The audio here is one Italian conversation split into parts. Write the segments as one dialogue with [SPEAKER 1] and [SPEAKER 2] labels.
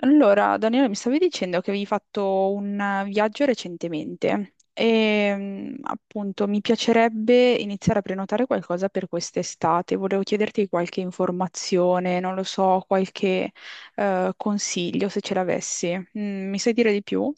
[SPEAKER 1] Allora, Daniele, mi stavi dicendo che avevi fatto un viaggio recentemente e appunto mi piacerebbe iniziare a prenotare qualcosa per quest'estate. Volevo chiederti qualche informazione, non lo so, qualche consiglio se ce l'avessi. Mi sai dire di più?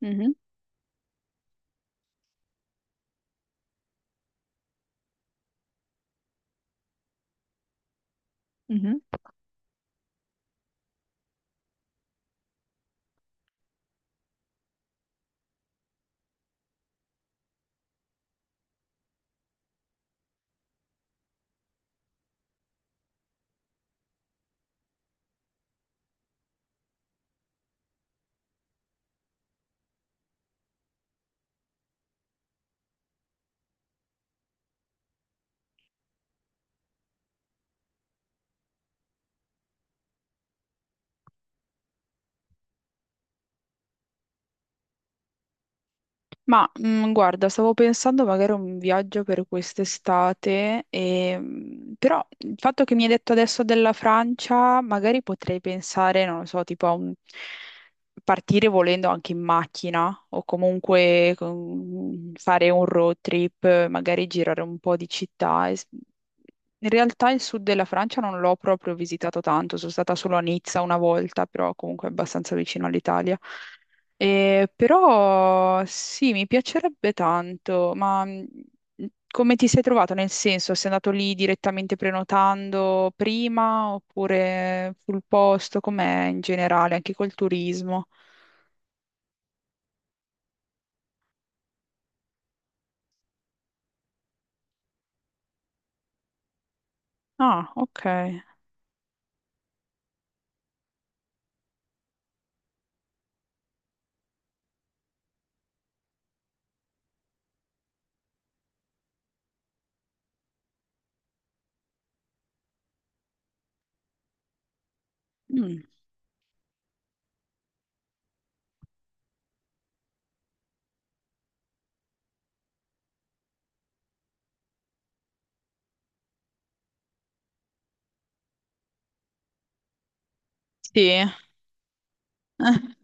[SPEAKER 1] Mhm, mhm. Ma guarda, stavo pensando magari a un viaggio per quest'estate, e, però il fatto che mi hai detto adesso della Francia, magari potrei pensare, non lo so, tipo a un... partire volendo anche in macchina o comunque fare un road trip, magari girare un po' di città. In realtà il sud della Francia non l'ho proprio visitato tanto, sono stata solo a Nizza una volta, però comunque è abbastanza vicino all'Italia. Però sì, mi piacerebbe tanto, ma come ti sei trovato? Nel senso, sei andato lì direttamente prenotando prima oppure sul posto? Com'è in generale, anche col turismo? Ah, ok. Mm. Sì.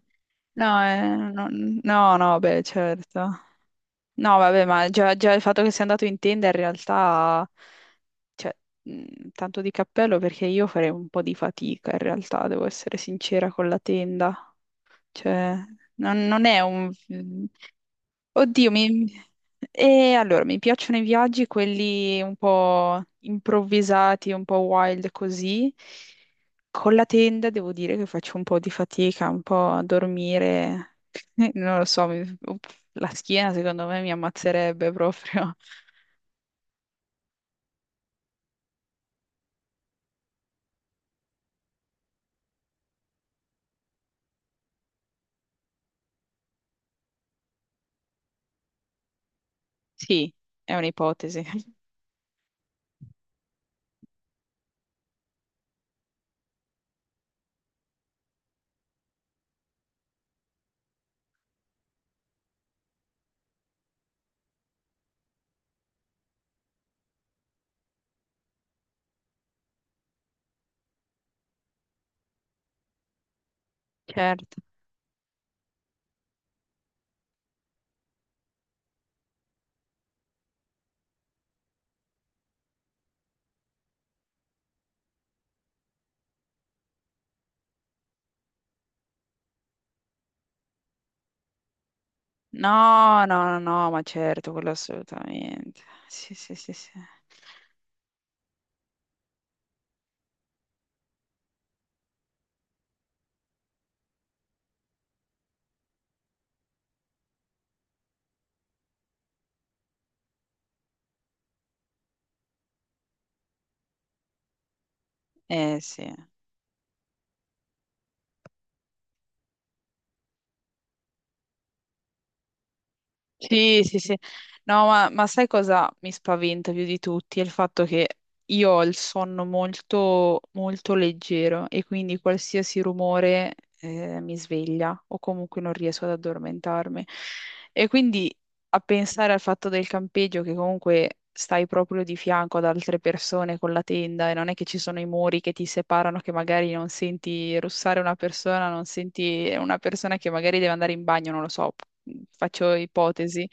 [SPEAKER 1] No, no, no, no, beh, certo. No, vabbè, ma già, già il fatto che sia andato in tenda in realtà cioè, tanto di cappello perché io farei un po' di fatica in realtà, devo essere sincera con la tenda. Cioè, non è un... oddio, mi... E allora, mi piacciono i viaggi, quelli un po' improvvisati, un po' wild così. Con la tenda devo dire che faccio un po' di fatica, un po' a dormire. Non lo so, la schiena secondo me mi ammazzerebbe proprio. Sì, è un'ipotesi. Certo. No, no, no, no, ma certo, quello assolutamente. Sì, sì, sì, sì. Eh sì. Sì, sì, sì. No, ma sai cosa mi spaventa più di tutti? È il fatto che io ho il sonno molto, molto leggero e quindi qualsiasi rumore mi sveglia o comunque non riesco ad addormentarmi. E quindi a pensare al fatto del campeggio che comunque stai proprio di fianco ad altre persone con la tenda e non è che ci sono i muri che ti separano, che magari non senti russare una persona, non senti una persona che magari deve andare in bagno, non lo so, faccio ipotesi.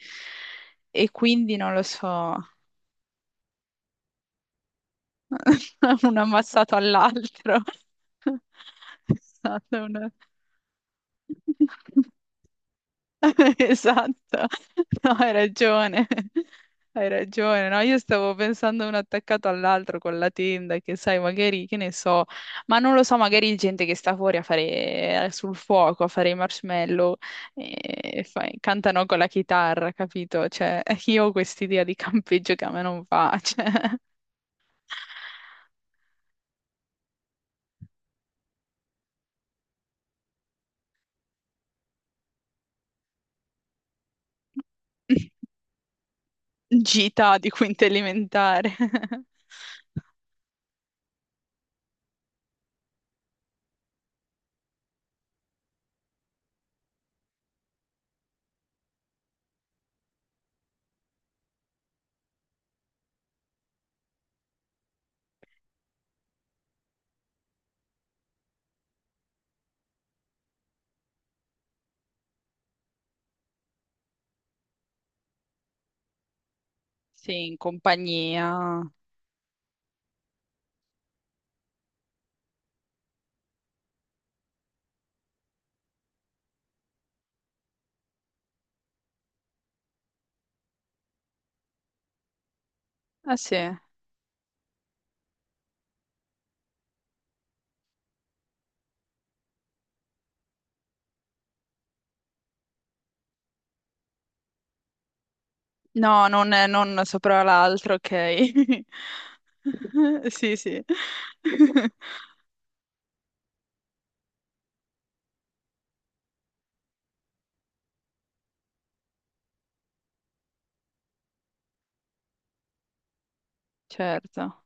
[SPEAKER 1] E quindi non lo so, un ammazzato all'altro. È stato un- Esatto, no, hai ragione, hai ragione, no? Io stavo pensando uno attaccato all'altro con la tenda, che sai, magari, che ne so, ma non lo so, magari gente che sta fuori a fare sul fuoco, a fare i marshmallow, e cantano con la chitarra, capito? Cioè, io ho quest'idea di campeggio che a me non va, cioè, gita di quinta elementare. Sì, in compagnia. Ah sì. No, non, non sopra l'altro, ok. Sì, sì. Certo.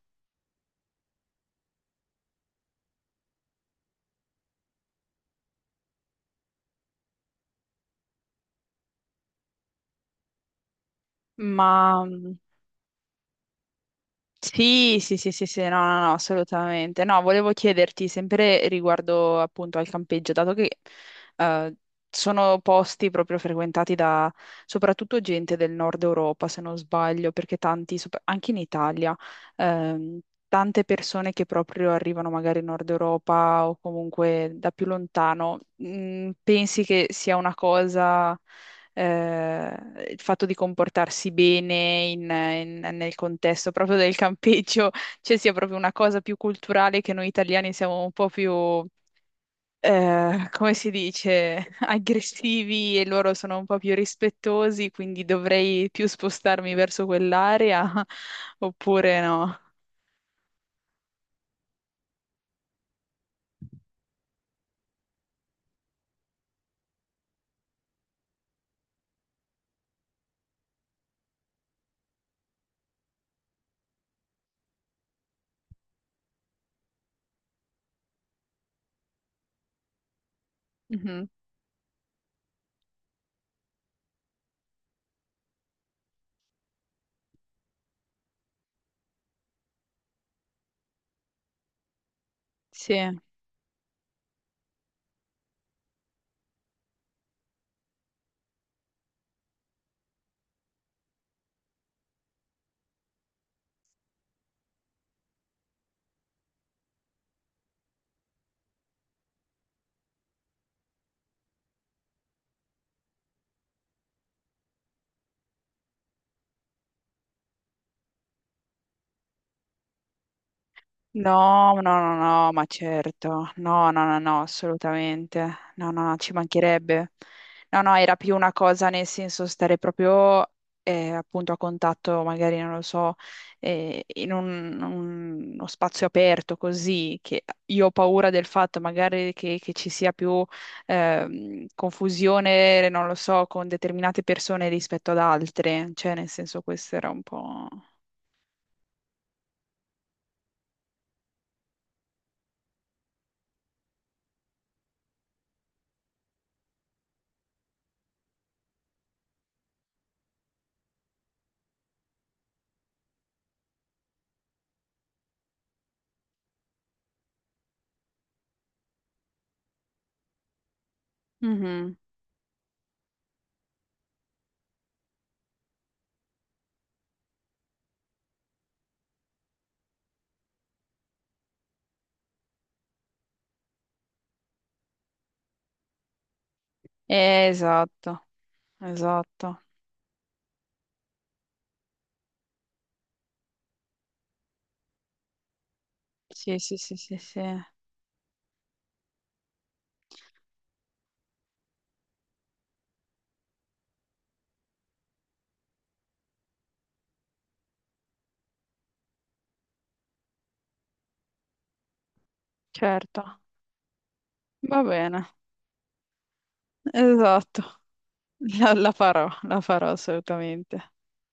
[SPEAKER 1] Ma sì, sì, sì, sì, sì, no, no, no, assolutamente. No, volevo chiederti sempre riguardo appunto al campeggio, dato che eh, sono posti proprio frequentati da soprattutto gente del nord Europa, se non sbaglio, perché tanti, anche in Italia, ehm, tante persone che proprio arrivano magari in Nord Europa o comunque da più lontano, pensi che sia una cosa il fatto di comportarsi bene nel contesto proprio del campeggio, cioè sia proprio una cosa più culturale che noi italiani siamo un po' più, come si dice, aggressivi e loro sono un po' più rispettosi, quindi dovrei più spostarmi verso quell'area oppure no. Mhm. Sì. No, no, no, no, ma certo, no, no, no, no, assolutamente, no, no, no, ci mancherebbe. No, no, era più una cosa nel senso stare proprio appunto a contatto, magari, non lo so, in uno spazio aperto così, che io ho paura del fatto magari che ci sia più confusione, non lo so, con determinate persone rispetto ad altre, cioè nel senso questo era un po'... Mhm. Esatto. Esatto. Sì, sì, sì, sì, sì. Certo. Va bene. Esatto. La, la farò assolutamente.